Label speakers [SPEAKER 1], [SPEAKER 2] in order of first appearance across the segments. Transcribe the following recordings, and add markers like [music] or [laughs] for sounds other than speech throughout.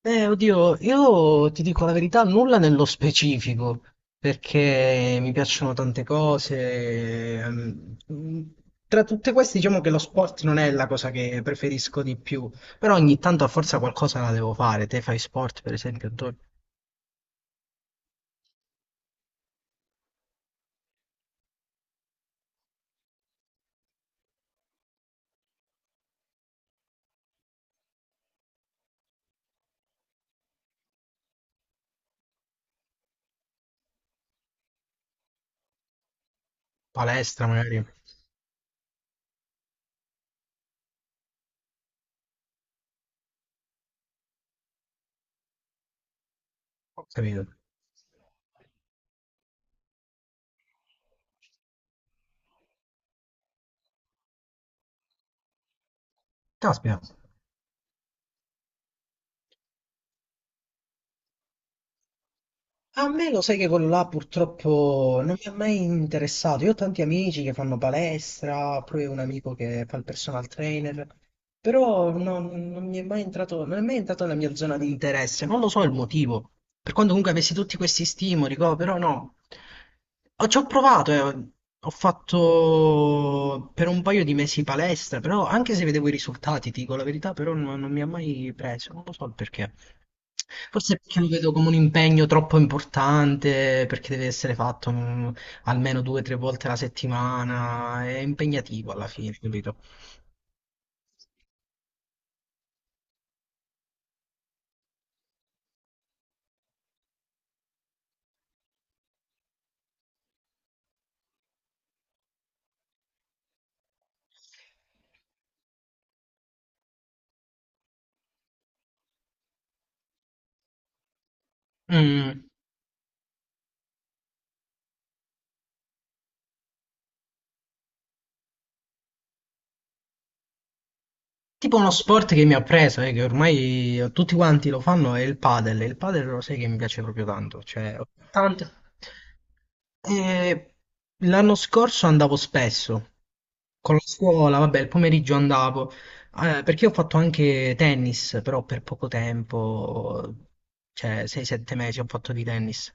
[SPEAKER 1] Beh, oddio, io ti dico la verità, nulla nello specifico, perché mi piacciono tante cose. Tra tutte queste, diciamo che lo sport non è la cosa che preferisco di più, però ogni tanto a forza qualcosa la devo fare. Te fai sport, per esempio, tu? Palestra magari, capito? Caspita. A me lo sai che quello là purtroppo non mi ha mai interessato. Io ho tanti amici che fanno palestra, pure un amico che fa il personal trainer, però non mi è mai entrato, non è mai entrato nella mia zona di interesse. Non lo so il motivo. Per quanto comunque avessi tutti questi stimoli, però no. Ci ho provato, eh. Ho fatto per un paio di mesi palestra, però anche se vedevo i risultati, ti dico la verità, però non mi ha mai preso. Non lo so il perché. Forse perché lo vedo come un impegno troppo importante, perché deve essere fatto, almeno due o tre volte alla settimana, è impegnativo alla fine, capito? Mm. Tipo uno sport che mi ha preso, che ormai tutti quanti lo fanno, è il padel. Il padel lo sai che mi piace proprio tanto, cioè, ho tante... E l'anno scorso andavo spesso con la scuola, vabbè, il pomeriggio andavo. Perché ho fatto anche tennis, però per poco tempo, cioè 6-7 mesi ho fatto di tennis.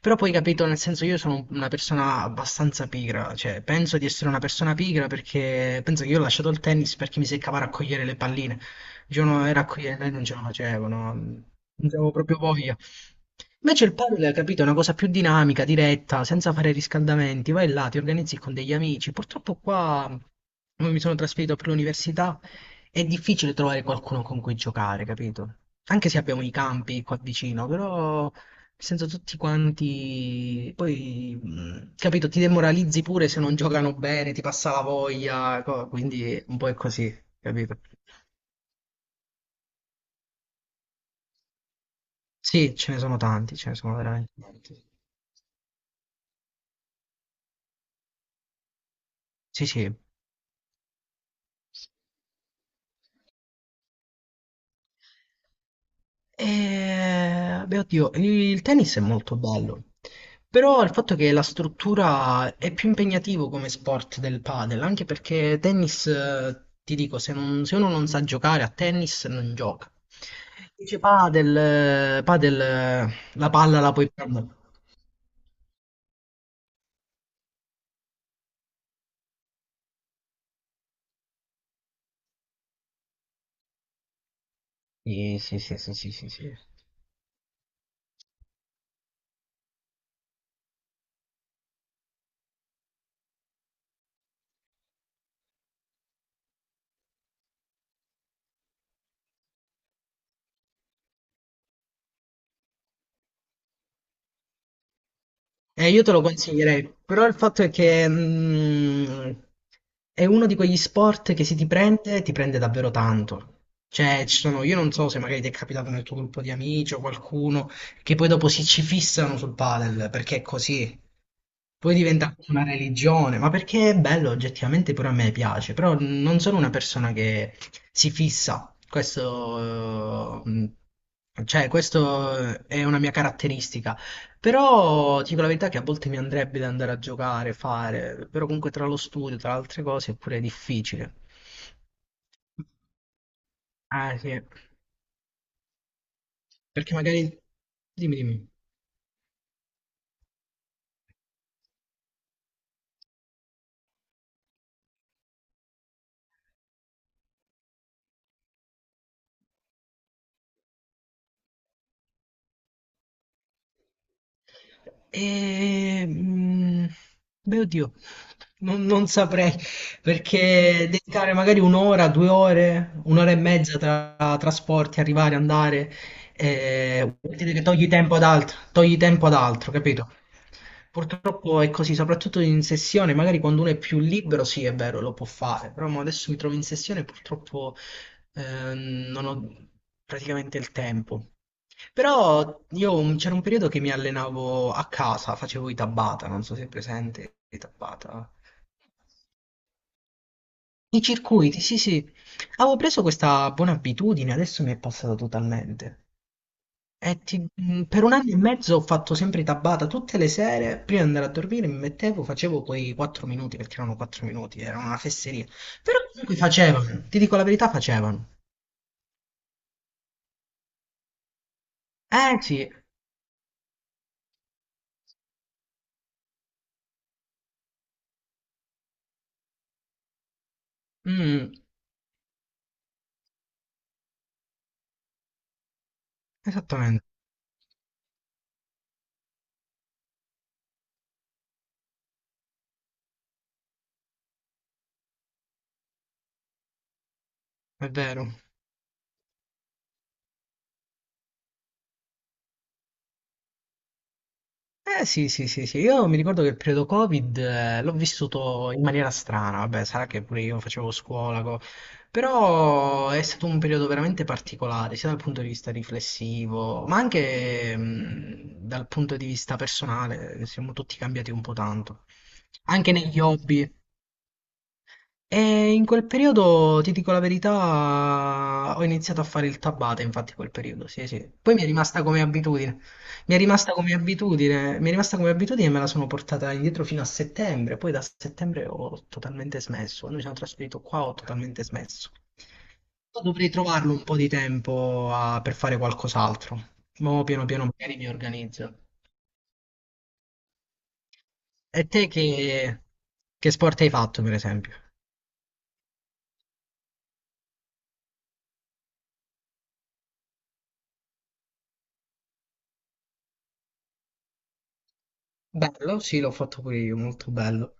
[SPEAKER 1] Però poi capito, nel senso io sono una persona abbastanza pigra, cioè penso di essere una persona pigra perché penso che io ho lasciato il tennis perché mi seccava a raccogliere le palline. Il giorno era a raccogliere, e non ce la facevo, no? Non avevo proprio voglia. Invece il padel, capito, è una cosa più dinamica, diretta, senza fare riscaldamenti, vai là, ti organizzi con degli amici. Purtroppo qua, come mi sono trasferito per l'università, è difficile trovare qualcuno con cui giocare, capito? Anche se abbiamo i campi qua vicino, però nel senso tutti quanti, poi, capito, ti demoralizzi pure se non giocano bene, ti passa la voglia, quindi un po' è così, capito? Sì, ce ne sono tanti, ce ne sono veramente tanti. Sì, sì. Beh, oddio, il tennis è molto bello, però il fatto che la struttura è più impegnativo come sport del padel, anche perché tennis, ti dico, se, se uno non sa giocare a tennis non gioca. Dice padel, padel, la palla la puoi prendere. Sì, sì, sì, sì, sì, sì, sì. Io te lo consiglierei, però il fatto è che, è uno di quegli sport che se ti prende, ti prende davvero tanto. Cioè, ci sono, io non so se magari ti è capitato nel tuo gruppo di amici o qualcuno che poi dopo si ci fissano sul padel, perché è così. Poi diventa una religione, ma perché è bello, oggettivamente pure a me piace, però non sono una persona che si fissa. Cioè, questo è una mia caratteristica. Però ti dico la verità che a volte mi andrebbe da andare a giocare, fare, però comunque tra lo studio, tra altre cose, è pure difficile. Ah, sì. Perché magari... Dimmi, dimmi. E... mm, Beh, oddio, non saprei, perché dedicare magari un'ora, 2 ore, un'ora e mezza tra trasporti, arrivare, andare, vuol dire che togli tempo ad altro, togli tempo ad altro, capito? Purtroppo è così, soprattutto in sessione, magari quando uno è più libero, sì, è vero, lo può fare, però mo adesso mi trovo in sessione e purtroppo, non ho praticamente il tempo. Però io c'era un periodo che mi allenavo a casa, facevo i Tabata, non so se è presente i Tabata. I circuiti, sì, sì. Avevo preso questa buona abitudine, adesso mi è passata totalmente. E per un anno e mezzo ho fatto sempre tabata tutte le sere, prima di andare a dormire mi mettevo, facevo quei 4 minuti, perché erano 4 minuti, era una fesseria. Però comunque facevano, ti dico la verità, facevano. Eh sì, mm, esattamente, è vero. Eh sì, sì, sì, sì, io mi ricordo che il periodo Covid, l'ho vissuto in maniera strana, vabbè, sarà che pure io facevo scuola, però è stato un periodo veramente particolare, sia dal punto di vista riflessivo, ma anche, dal punto di vista personale, siamo tutti cambiati un po' tanto. Anche negli hobby, e in quel periodo, ti dico la verità, ho iniziato a fare il tabata, infatti, in quel periodo, sì, sì. Poi mi è rimasta come abitudine. Mi è rimasta come abitudine, mi è rimasta come abitudine e me la sono portata indietro fino a settembre. Poi da settembre ho totalmente smesso. Quando mi sono trasferito qua ho totalmente smesso. Però dovrei trovarlo un po' di tempo, per fare qualcos'altro. Ma piano piano magari mi organizzo. E te che sport hai fatto, per esempio? Bello, sì, l'ho fatto pure io, molto bello.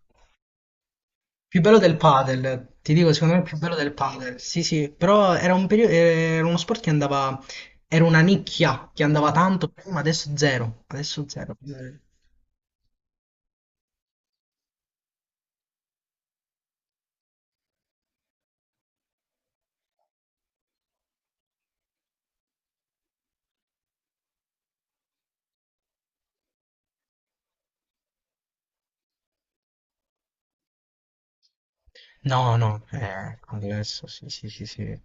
[SPEAKER 1] Più bello del padel, ti dico, secondo me è più bello del padel. Sì, sì, però era un periodo, era uno sport che andava, era una nicchia che andava tanto prima, adesso zero, adesso zero. No, no, è diverso, sì, sì, sì, sì.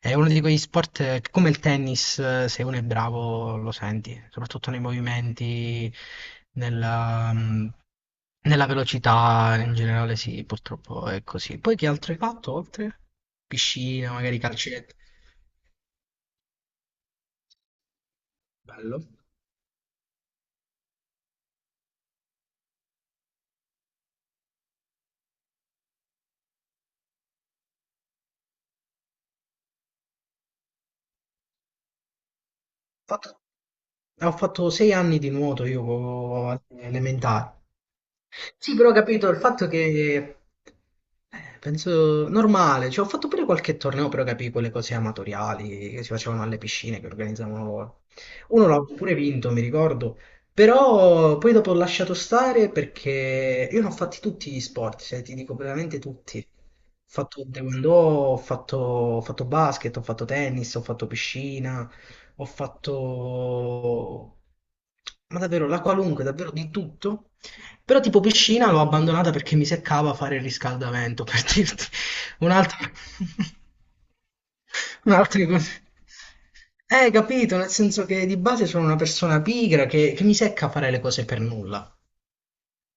[SPEAKER 1] È uno di quegli sport, che come il tennis, se uno è bravo lo senti, soprattutto nei movimenti, nella, mm, nella velocità, in generale sì, purtroppo è così. Poi che altro hai fatto oltre? Piscina, magari calcetto. Bello. Fatto, ho fatto 6 anni di nuoto io, elementari. Sì, però ho capito il fatto che, penso normale, cioè, ho fatto pure qualche torneo, però capì quelle cose amatoriali che si facevano alle piscine, che organizzavano loro. Uno l'ho pure vinto, mi ricordo, però poi dopo ho lasciato stare perché io ne ho fatti tutti gli sport, cioè ti dico veramente tutti. Ho fatto taekwondo, ho fatto basket, ho fatto tennis, ho fatto piscina, ho fatto... Ma davvero, la qualunque, davvero di tutto. Però tipo piscina l'ho abbandonata perché mi seccava fare il riscaldamento, [laughs] per dirti. Un'altra... [laughs] Un'altra cosa. Capito, nel senso che di base sono una persona pigra che mi secca fare le cose per nulla.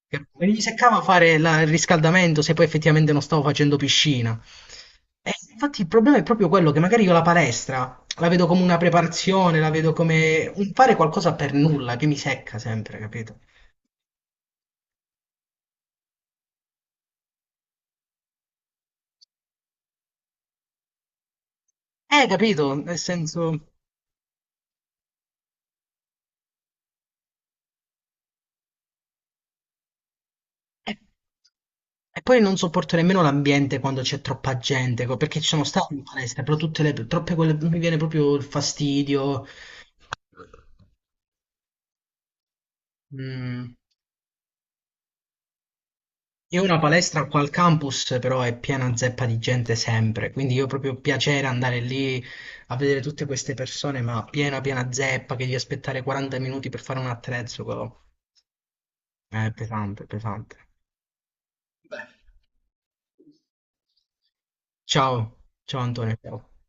[SPEAKER 1] Mi seccava fare il riscaldamento se poi effettivamente non stavo facendo piscina. E infatti il problema è proprio quello, che magari io la palestra la vedo come una preparazione, la vedo come un fare qualcosa per nulla che mi secca sempre, capito? Eh, capito, nel senso... E e poi non sopporto nemmeno l'ambiente quando c'è troppa gente, perché ci sono stato in palestra, però tutte le troppe quelle mi viene proprio il fastidio. Mm. Io ho una palestra qua al campus, però è piena zeppa di gente sempre, quindi io proprio piacere andare lì a vedere tutte queste persone, ma piena piena zeppa che devi aspettare 40 minuti per fare un attrezzo, co. È pesante, pesante. Ciao, ciao Antonio. Ciao.